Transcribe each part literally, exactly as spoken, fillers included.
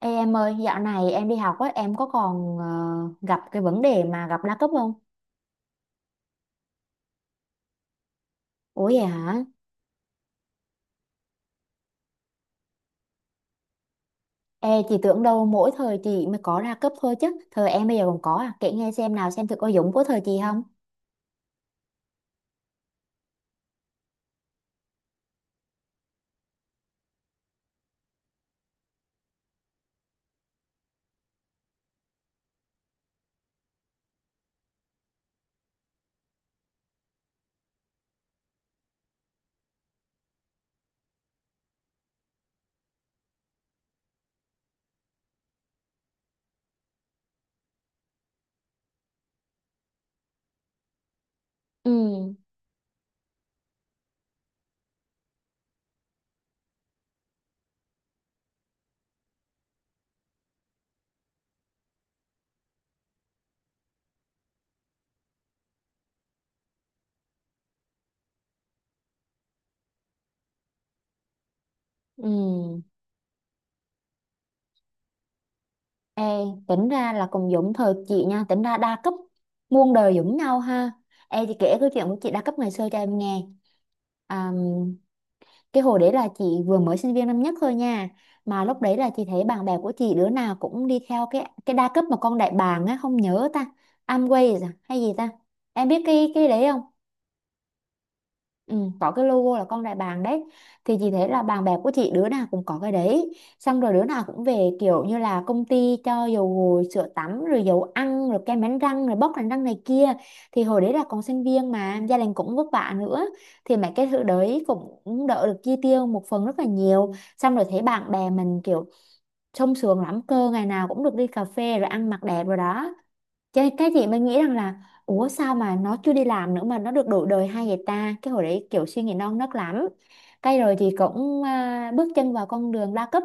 Ê em ơi, dạo này em đi học á, em có còn ờ, gặp cái vấn đề mà gặp đa cấp không? Ủa vậy hả? Ê, chị tưởng đâu mỗi thời chị mới có đa cấp thôi chứ. Thời em bây giờ còn có à? Kể nghe xem nào, xem thử có giống của thời chị không? Ừ, ừ. Ê, tính ra là cùng giống thời chị nha, tính ra đa cấp muôn đời giống nhau ha. Ê, chị kể câu chuyện của chị đa cấp ngày xưa cho em nghe. À, cái hồi đấy là chị vừa mới sinh viên năm nhất thôi nha, mà lúc đấy là chị thấy bạn bè của chị đứa nào cũng đi theo cái cái đa cấp mà con đại bàng á, không nhớ ta, Amway à, hay gì ta, em biết cái cái đấy không? Ừ, có cái logo là con đại bàng đấy. Thì chị thấy là bạn bè của chị đứa nào cũng có cái đấy, xong rồi đứa nào cũng về kiểu như là công ty cho dầu gội, sữa tắm, rồi dầu ăn, rồi kem đánh răng, rồi bóc đánh răng này kia. Thì hồi đấy là còn sinh viên mà gia đình cũng vất vả nữa, thì mấy cái thứ đấy cũng cũng đỡ được chi tiêu một phần rất là nhiều. Xong rồi thấy bạn bè mình kiểu sung sướng lắm cơ, ngày nào cũng được đi cà phê rồi ăn mặc đẹp rồi đó. cái cái chị mới nghĩ rằng là, ủa sao mà nó chưa đi làm nữa mà nó được đổi đời hay vậy ta? Cái hồi đấy kiểu suy nghĩ non nớt lắm. Cái rồi thì cũng à, bước chân vào con đường đa cấp.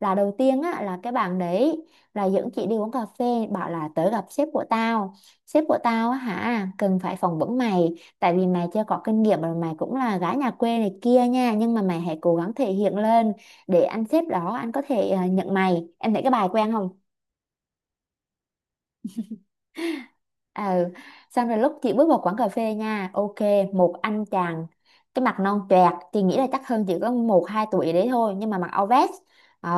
Là đầu tiên á, là cái bạn đấy là dẫn chị đi uống cà phê, bảo là tới gặp sếp của tao. Sếp của tao á hả, cần phải phỏng vấn mày, tại vì mày chưa có kinh nghiệm rồi mày cũng là gái nhà quê này kia nha, nhưng mà mày hãy cố gắng thể hiện lên để anh sếp đó anh có thể à, nhận mày. Em thấy cái bài quen không? Ừ, xong rồi lúc chị bước vào quán cà phê nha, ok, một anh chàng, cái mặt non choẹt, chị nghĩ là chắc hơn chỉ có một hai tuổi đấy thôi, nhưng mà mặc áo vest. Ừ,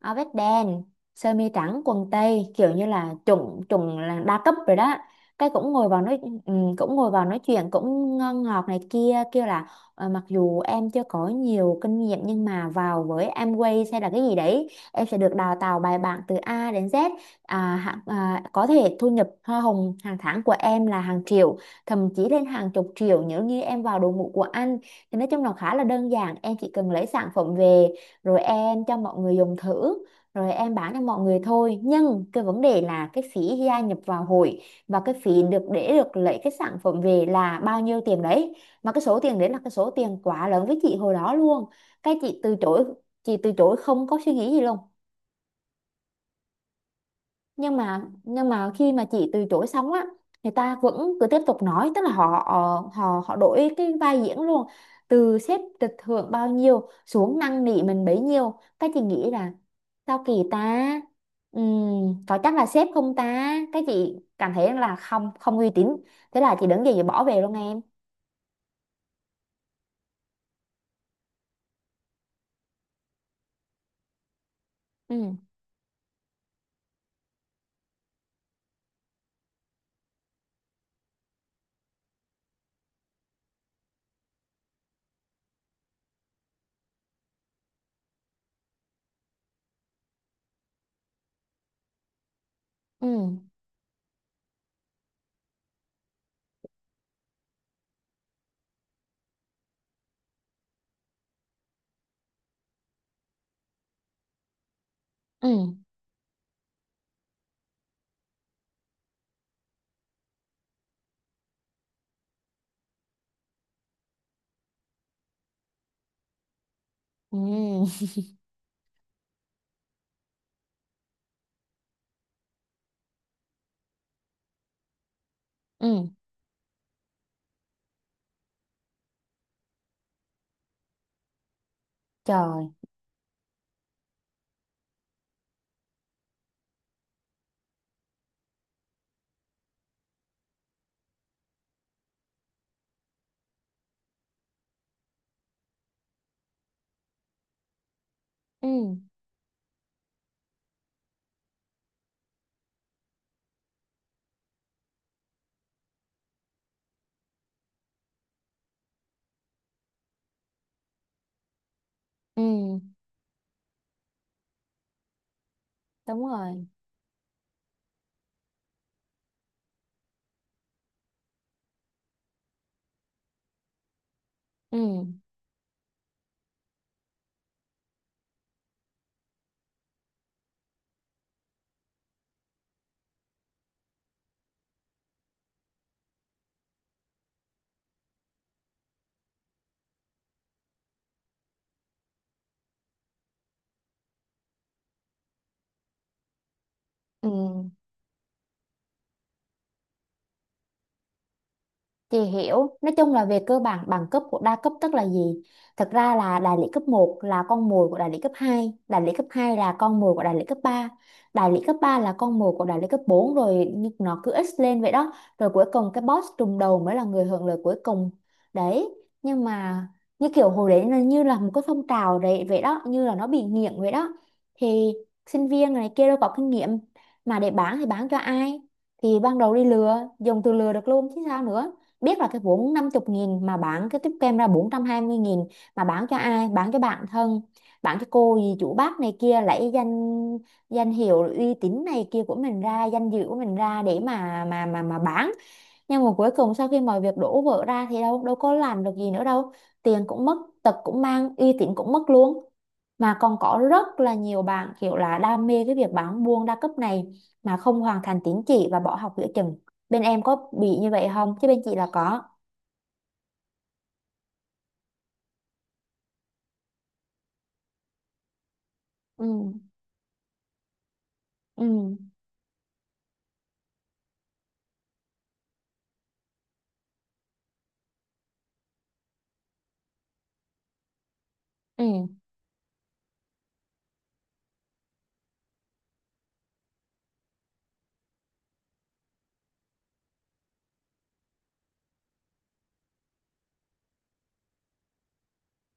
áo vest đen, sơ mi trắng, quần tây, kiểu như là chuẩn chuẩn là đa cấp rồi đó. Cái cũng ngồi vào nói. Ừ, cũng ngồi vào nói chuyện cũng ngon ngọt này kia, kêu là: "Ờ, mặc dù em chưa có nhiều kinh nghiệm nhưng mà vào với Amway hay là cái gì đấy em sẽ được đào tạo bài bản từ A đến Z. À, hạ- à, có thể thu nhập hoa hồng hàng tháng của em là hàng triệu, thậm chí lên hàng chục triệu nếu như em vào đội ngũ của anh. Thì nói chung là khá là đơn giản, em chỉ cần lấy sản phẩm về rồi em cho mọi người dùng thử rồi em bán cho mọi người thôi." Nhưng cái vấn đề là cái phí gia nhập vào hội và cái phí được, để được lấy cái sản phẩm về là bao nhiêu tiền đấy, mà cái số tiền đấy là cái số tiền quá lớn với chị hồi đó luôn. Cái chị từ chối. Chị từ chối không có suy nghĩ gì luôn. Nhưng mà nhưng mà khi mà chị từ chối xong á, người ta vẫn cứ tiếp tục nói, tức là họ ờ, họ họ đổi cái vai diễn luôn. Từ sếp được thưởng bao nhiêu xuống năn nỉ mình bấy nhiêu. Cái chị nghĩ là sao kỳ ta? Ừm, có chắc là sếp không ta? Cái chị cảm thấy là không, không uy tín. Thế là chị đứng dậy chị bỏ về luôn em. Ừ, ừ, ừ, ừ, ừ, trời, ừ, ừ, đúng rồi, ừ, ừ. Chị hiểu, nói chung là về cơ bản bằng cấp của đa cấp tức là gì? Thật ra là đại lý cấp một là con mồi của đại lý cấp hai, đại lý cấp hai là con mồi của đại lý cấp ba, đại lý cấp ba là con mồi của đại lý cấp bốn, rồi như nó cứ x lên vậy đó, rồi cuối cùng cái boss trùng đầu mới là người hưởng lợi cuối cùng. Đấy, nhưng mà như kiểu hồi đấy là như là một cái phong trào đấy vậy đó, như là nó bị nghiện vậy đó. Thì sinh viên này kia đâu có kinh nghiệm mà để bán, thì bán cho ai? Thì ban đầu đi lừa, dùng từ lừa được luôn chứ sao nữa, biết là cái vốn 50 nghìn mà bán cái tiếp kem ra bốn trăm hai mươi nghìn, mà bán cho ai, bán cho bạn thân, bán cho cô gì chủ bác này kia, lấy danh, danh hiệu uy tín này kia của mình ra, danh dự của mình ra để mà mà mà mà bán. Nhưng mà cuối cùng sau khi mọi việc đổ vỡ ra thì đâu đâu có làm được gì nữa đâu, tiền cũng mất, tật cũng mang, uy tín cũng mất luôn. Mà còn có rất là nhiều bạn kiểu là đam mê cái việc bán buôn đa cấp này mà không hoàn thành tín chỉ và bỏ học giữa chừng. Bên em có bị như vậy không, chứ bên chị là có. Ừ, ừ, ừ,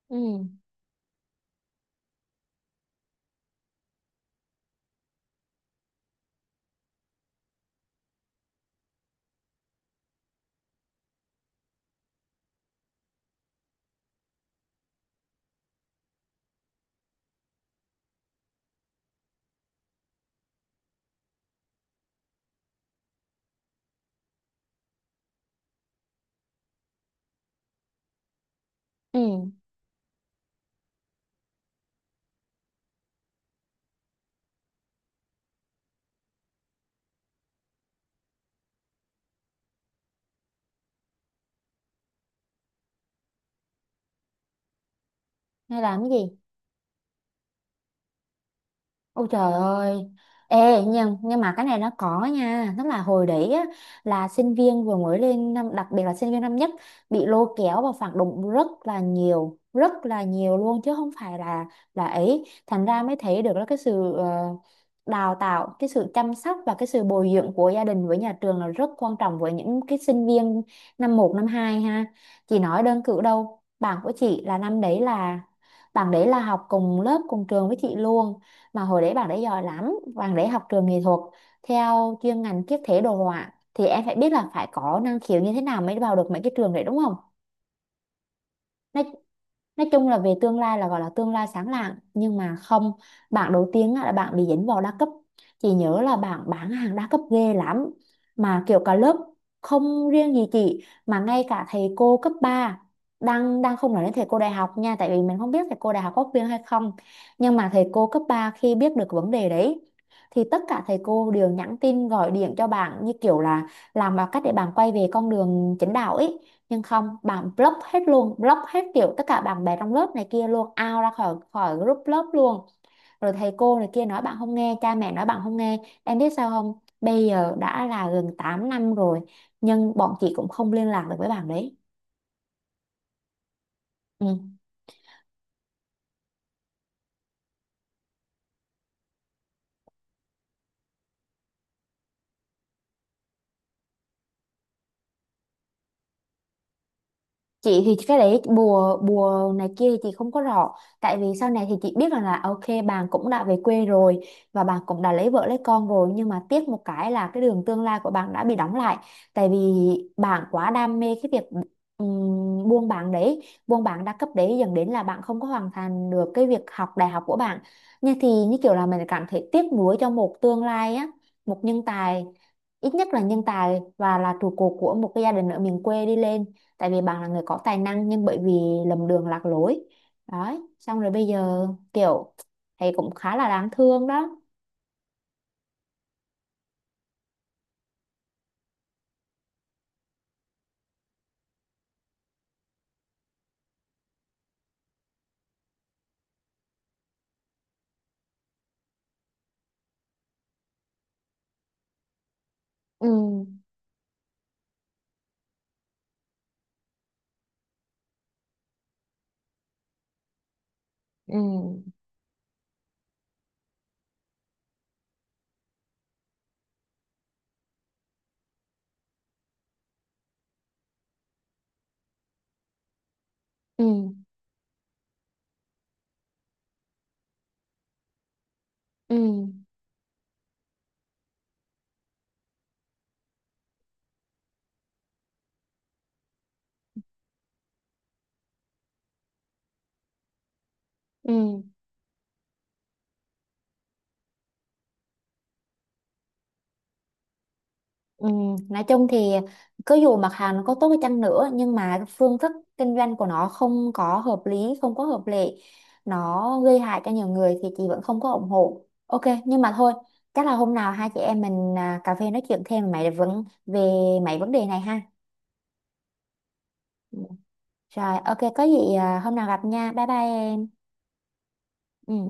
ừ, ừ, hay làm cái gì? Ôi trời ơi. Ê nhưng, nhưng mà cái này nó có nha. Tức là hồi đấy á, là sinh viên vừa mới lên năm, đặc biệt là sinh viên năm nhất, bị lôi kéo vào phản động rất là nhiều, rất là nhiều luôn, chứ không phải là là ấy. Thành ra mới thấy được là cái sự ờ, đào tạo, cái sự chăm sóc và cái sự bồi dưỡng của gia đình với nhà trường là rất quan trọng với những cái sinh viên năm một năm hai ha. Chị nói đơn cử đâu, bạn của chị là năm đấy là, bạn đấy là học cùng lớp cùng trường với chị luôn, mà hồi đấy bạn đấy giỏi lắm, bạn đấy học trường nghệ thuật, theo chuyên ngành kiếp thể đồ họa, thì em phải biết là phải có năng khiếu như thế nào mới vào được mấy cái trường đấy đúng không. Nói nói chung là về tương lai là gọi là tương lai sáng lạng, nhưng mà không, bạn đầu tiên á, là bạn bị dính vào đa cấp. Chị nhớ là bạn bán hàng đa cấp ghê lắm, mà kiểu cả lớp, không riêng gì chị mà ngay cả thầy cô cấp ba, đang đang không nói đến thầy cô đại học nha, tại vì mình không biết thầy cô đại học có khuyên hay không, nhưng mà thầy cô cấp ba khi biết được vấn đề đấy thì tất cả thầy cô đều nhắn tin gọi điện cho bạn, như kiểu là làm mọi cách để bạn quay về con đường chính đạo ấy. Nhưng không, bạn block hết luôn, block hết kiểu tất cả bạn bè trong lớp này kia luôn, out ra khỏi khỏi group lớp luôn, rồi thầy cô này kia nói bạn không nghe, cha mẹ nói bạn không nghe. Em biết sao không, bây giờ đã là gần tám năm rồi nhưng bọn chị cũng không liên lạc được với bạn đấy. Ừ. Chị thì cái đấy bùa bùa này kia thì chị không có rõ, tại vì sau này thì chị biết rằng là à, ok, bạn cũng đã về quê rồi và bạn cũng đã lấy vợ lấy con rồi, nhưng mà tiếc một cái là cái đường tương lai của bạn đã bị đóng lại, tại vì bạn quá đam mê cái việc ừm, buôn bán đấy, buôn bán đa cấp đấy, dẫn đến là bạn không có hoàn thành được cái việc học đại học của bạn. Như thì như kiểu là mình cảm thấy tiếc nuối cho một tương lai á, một nhân tài, ít nhất là nhân tài và là trụ cột của một cái gia đình ở miền quê đi lên, tại vì bạn là người có tài năng nhưng bởi vì lầm đường lạc lối. Đấy, xong rồi bây giờ kiểu thấy cũng khá là đáng thương đó. Ừ, ừ, ừ, ừ, ừ, ừ. Nói chung thì cứ dù mặt hàng nó có tốt đi chăng nữa nhưng mà cái phương thức kinh doanh của nó không có hợp lý, không có hợp lệ, nó gây hại cho nhiều người thì chị vẫn không có ủng hộ, ok, nhưng mà thôi, chắc là hôm nào hai chị em mình à, cà phê nói chuyện thêm về mấy vấn về mấy vấn đề này ha. Rồi, ok, có gì à, hôm nào gặp nha. Bye bye em. Ừ.